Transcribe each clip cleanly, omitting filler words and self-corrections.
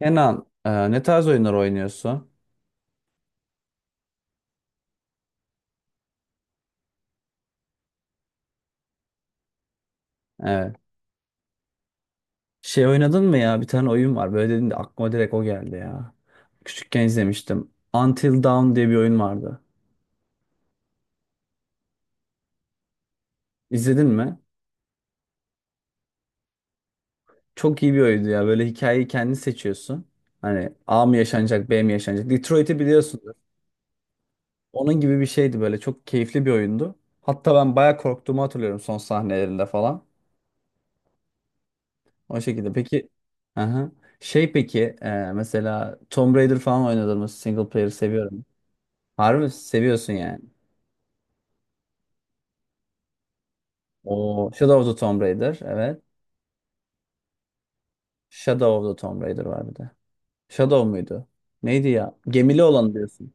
Kenan, ne tarz oyunlar oynuyorsun? Evet. Şey oynadın mı ya? Bir tane oyun var. Böyle dedin de aklıma direkt o geldi ya. Küçükken izlemiştim. Until Dawn diye bir oyun vardı. İzledin mi? Çok iyi bir oyundu ya. Böyle hikayeyi kendin seçiyorsun. Hani A mı yaşanacak, B mi yaşanacak? Detroit'i biliyorsunuz. Onun gibi bir şeydi böyle. Çok keyifli bir oyundu. Hatta ben bayağı korktuğumu hatırlıyorum son sahnelerinde falan. O şekilde. Peki, aha. Mesela Tomb Raider falan oynadın mı? Single player seviyorum. Harbi mi? Seviyorsun yani. O Shadow of the Tomb Raider. Evet. Shadow of the Tomb Raider var bir de. Shadow muydu? Neydi ya? Gemili olanı diyorsun.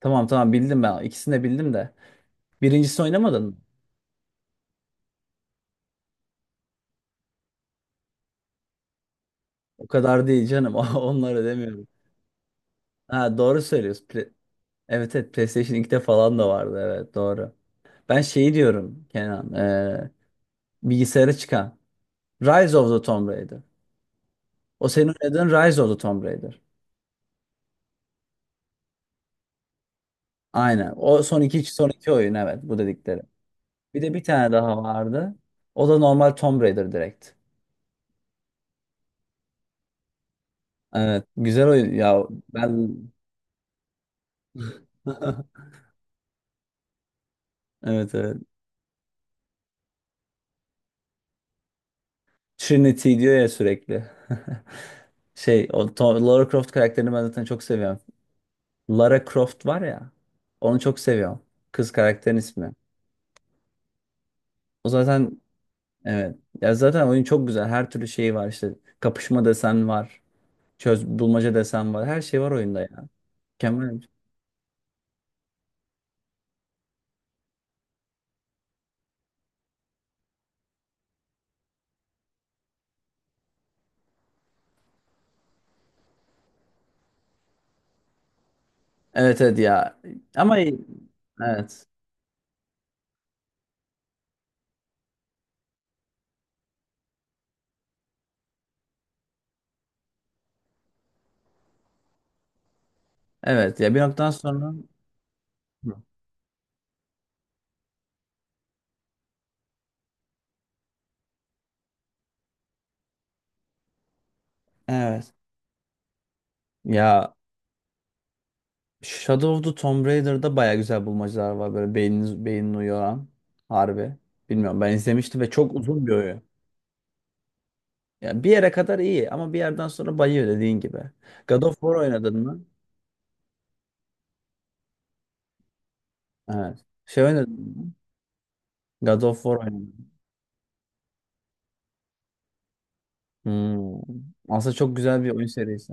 Tamam tamam bildim ben. İkisini de bildim de. Birincisini oynamadın mı? O kadar değil canım. Onları demiyorum. Ha doğru söylüyorsun. Evet evet, PlayStation 2'de falan da vardı. Evet doğru. Ben şeyi diyorum Kenan. Bilgisayara çıkan. Rise of the Tomb Raider. O senin oynadığın Rise of the Tomb Raider. Aynen. O son iki oyun, evet, bu dedikleri. Bir de bir tane daha vardı. O da normal Tomb Raider direkt. Evet. Güzel oyun. Ya ben evet evet. Trinity diyor ya sürekli. Lara Croft karakterini ben zaten çok seviyorum. Lara Croft var ya. Onu çok seviyorum. Kız karakterin ismi. O zaten evet. Ya zaten oyun çok güzel. Her türlü şeyi var işte. Kapışma desen var. Çöz bulmaca desen var. Her şey var oyunda ya. Mükemmel. Evet evet ya. Ama evet. Evet ya, bir noktadan sonra hı. Evet. Ya Shadow of the Tomb Raider'da baya güzel bulmacalar var, böyle beynini uyaran, harbi. Bilmiyorum, ben izlemiştim ve çok uzun bir oyun. Ya bir yere kadar iyi ama bir yerden sonra bayıyor dediğin gibi. God of War oynadın mı? Evet. Şey oynadın mı? God of War oynadın. Hmm. Aslında çok güzel bir oyun serisi.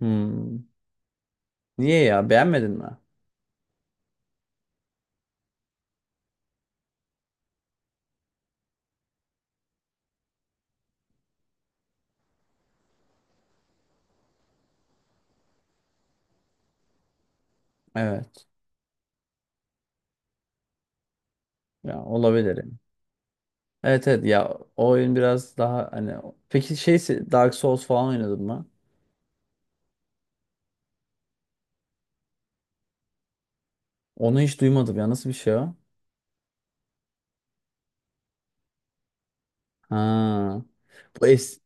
Hmm. Niye ya? Beğenmedin mi? Evet. Ya olabilir yani. Evet evet ya, o oyun biraz daha hani, peki şey Dark Souls falan oynadın mı? Onu hiç duymadım ya, nasıl bir şey o? Ha. Bu es-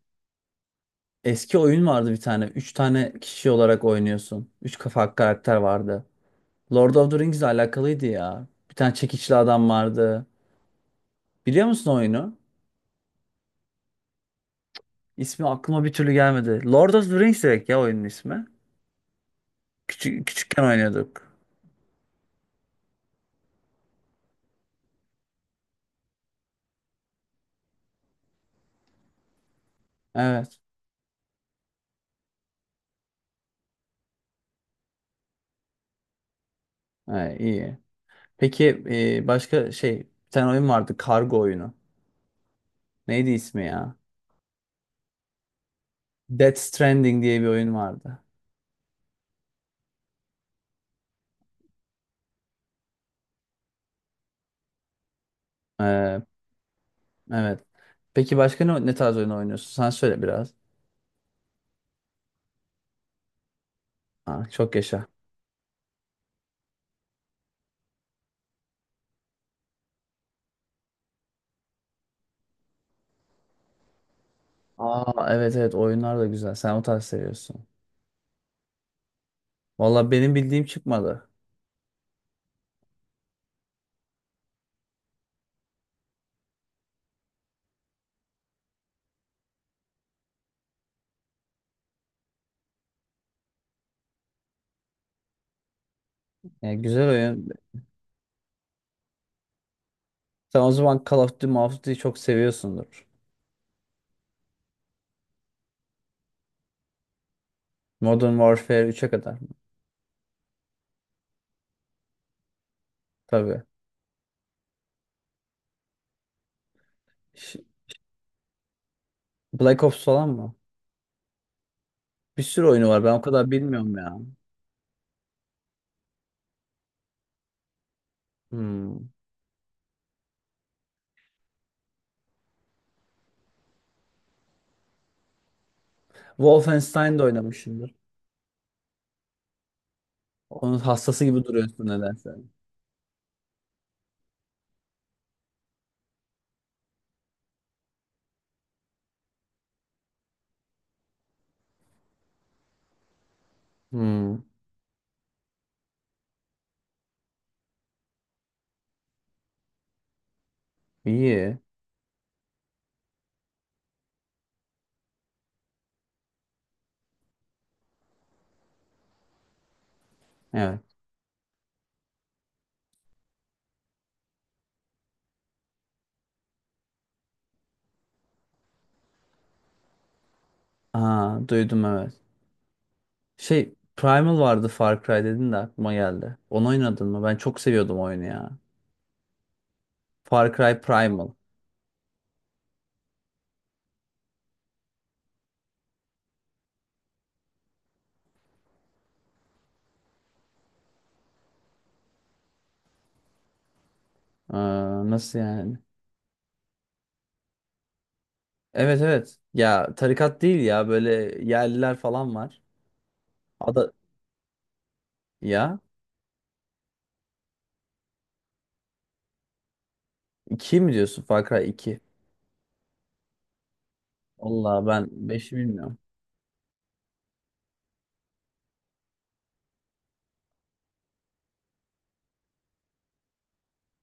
eski oyun vardı bir tane. Üç tane kişi olarak oynuyorsun. Üç kafa karakter vardı. Lord of the Rings ile alakalıydı ya. Bir tane çekiçli adam vardı. Biliyor musun oyunu? İsmi aklıma bir türlü gelmedi. Lord of the Rings direkt ya oyunun ismi. Küçük, küçükken oynuyorduk. Evet. Ha, iyi. Başka şey, bir tane oyun vardı, kargo oyunu. Neydi ismi ya? Death Stranding diye bir oyun vardı. Ee, evet. Peki başka ne tarz oyun oynuyorsun? Sen söyle biraz. Aa, çok yaşa. Aa, evet evet, oyunlar da güzel. Sen o tarz seviyorsun. Valla benim bildiğim çıkmadı. Yani güzel oyun. Sen o zaman Call of Duty'yi çok seviyorsundur. Modern Warfare 3'e kadar mı? Tabii. Ş- Black Ops falan mı? Bir sürü oyunu var. Ben o kadar bilmiyorum ya. Hmm. Wolfenstein de oynamışımdır. Onun hastası gibi duruyorsun nedense. Hmm. İyi. Evet. Aa, duydum evet. Şey Primal vardı, Far Cry dedin de aklıma geldi. Onu oynadın mı? Ben çok seviyordum oyunu ya. Far Cry Primal. Aa, nasıl yani? Evet evet. Ya tarikat değil ya, böyle yerliler falan var. Ada ya, iki mi diyorsun, Far Cry iki. Valla ben beşi bilmiyorum.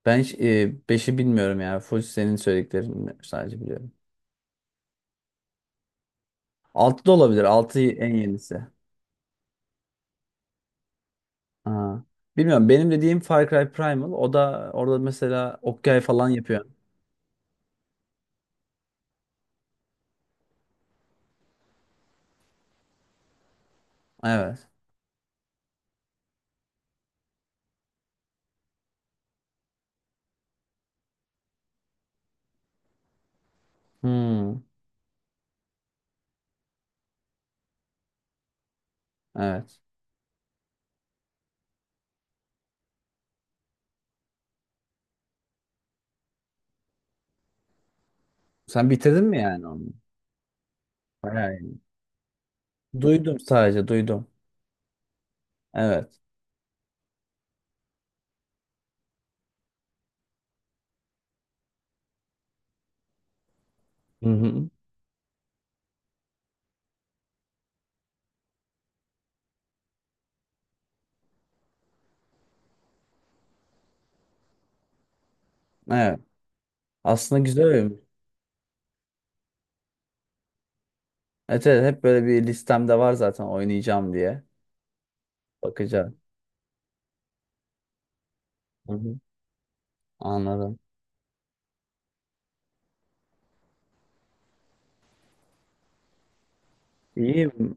Ben hiç, e, 5'i bilmiyorum yani. Full senin söylediklerini sadece biliyorum. Altı da olabilir. Altı en yenisi. Ha. Bilmiyorum, benim dediğim Far Cry Primal, o da orada mesela Okyay falan yapıyor. Evet. Hmm, evet. Sen bitirdin mi yani onu? Bayağı iyi. Duydum, sadece duydum. Evet. Hı hı. Evet. Aslında güzel oyun. Evet, evet, hep böyle bir listemde var zaten, oynayacağım diye. Bakacağım. Hı hı. Anladım. İyiyim.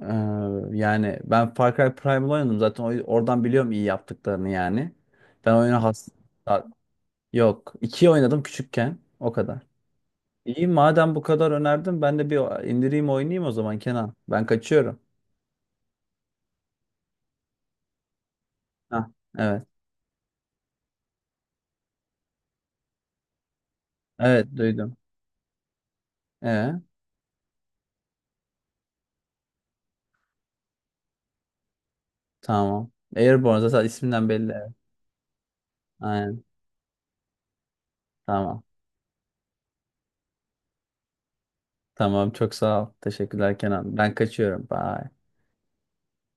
Yani ben Far Cry Primal oynadım zaten, oradan biliyorum iyi yaptıklarını yani. Ben oyuna has... Yok. İkiyi oynadım küçükken. O kadar. İyi madem bu kadar önerdin, ben de bir indireyim oynayayım o zaman Kenan. Ben kaçıyorum. Ha, evet. Evet duydum. Ee, tamam. Airborne zaten isminden belli, evet. Aynen. Tamam. Tamam çok sağ ol. Teşekkürler Kenan. Ben kaçıyorum. Bye.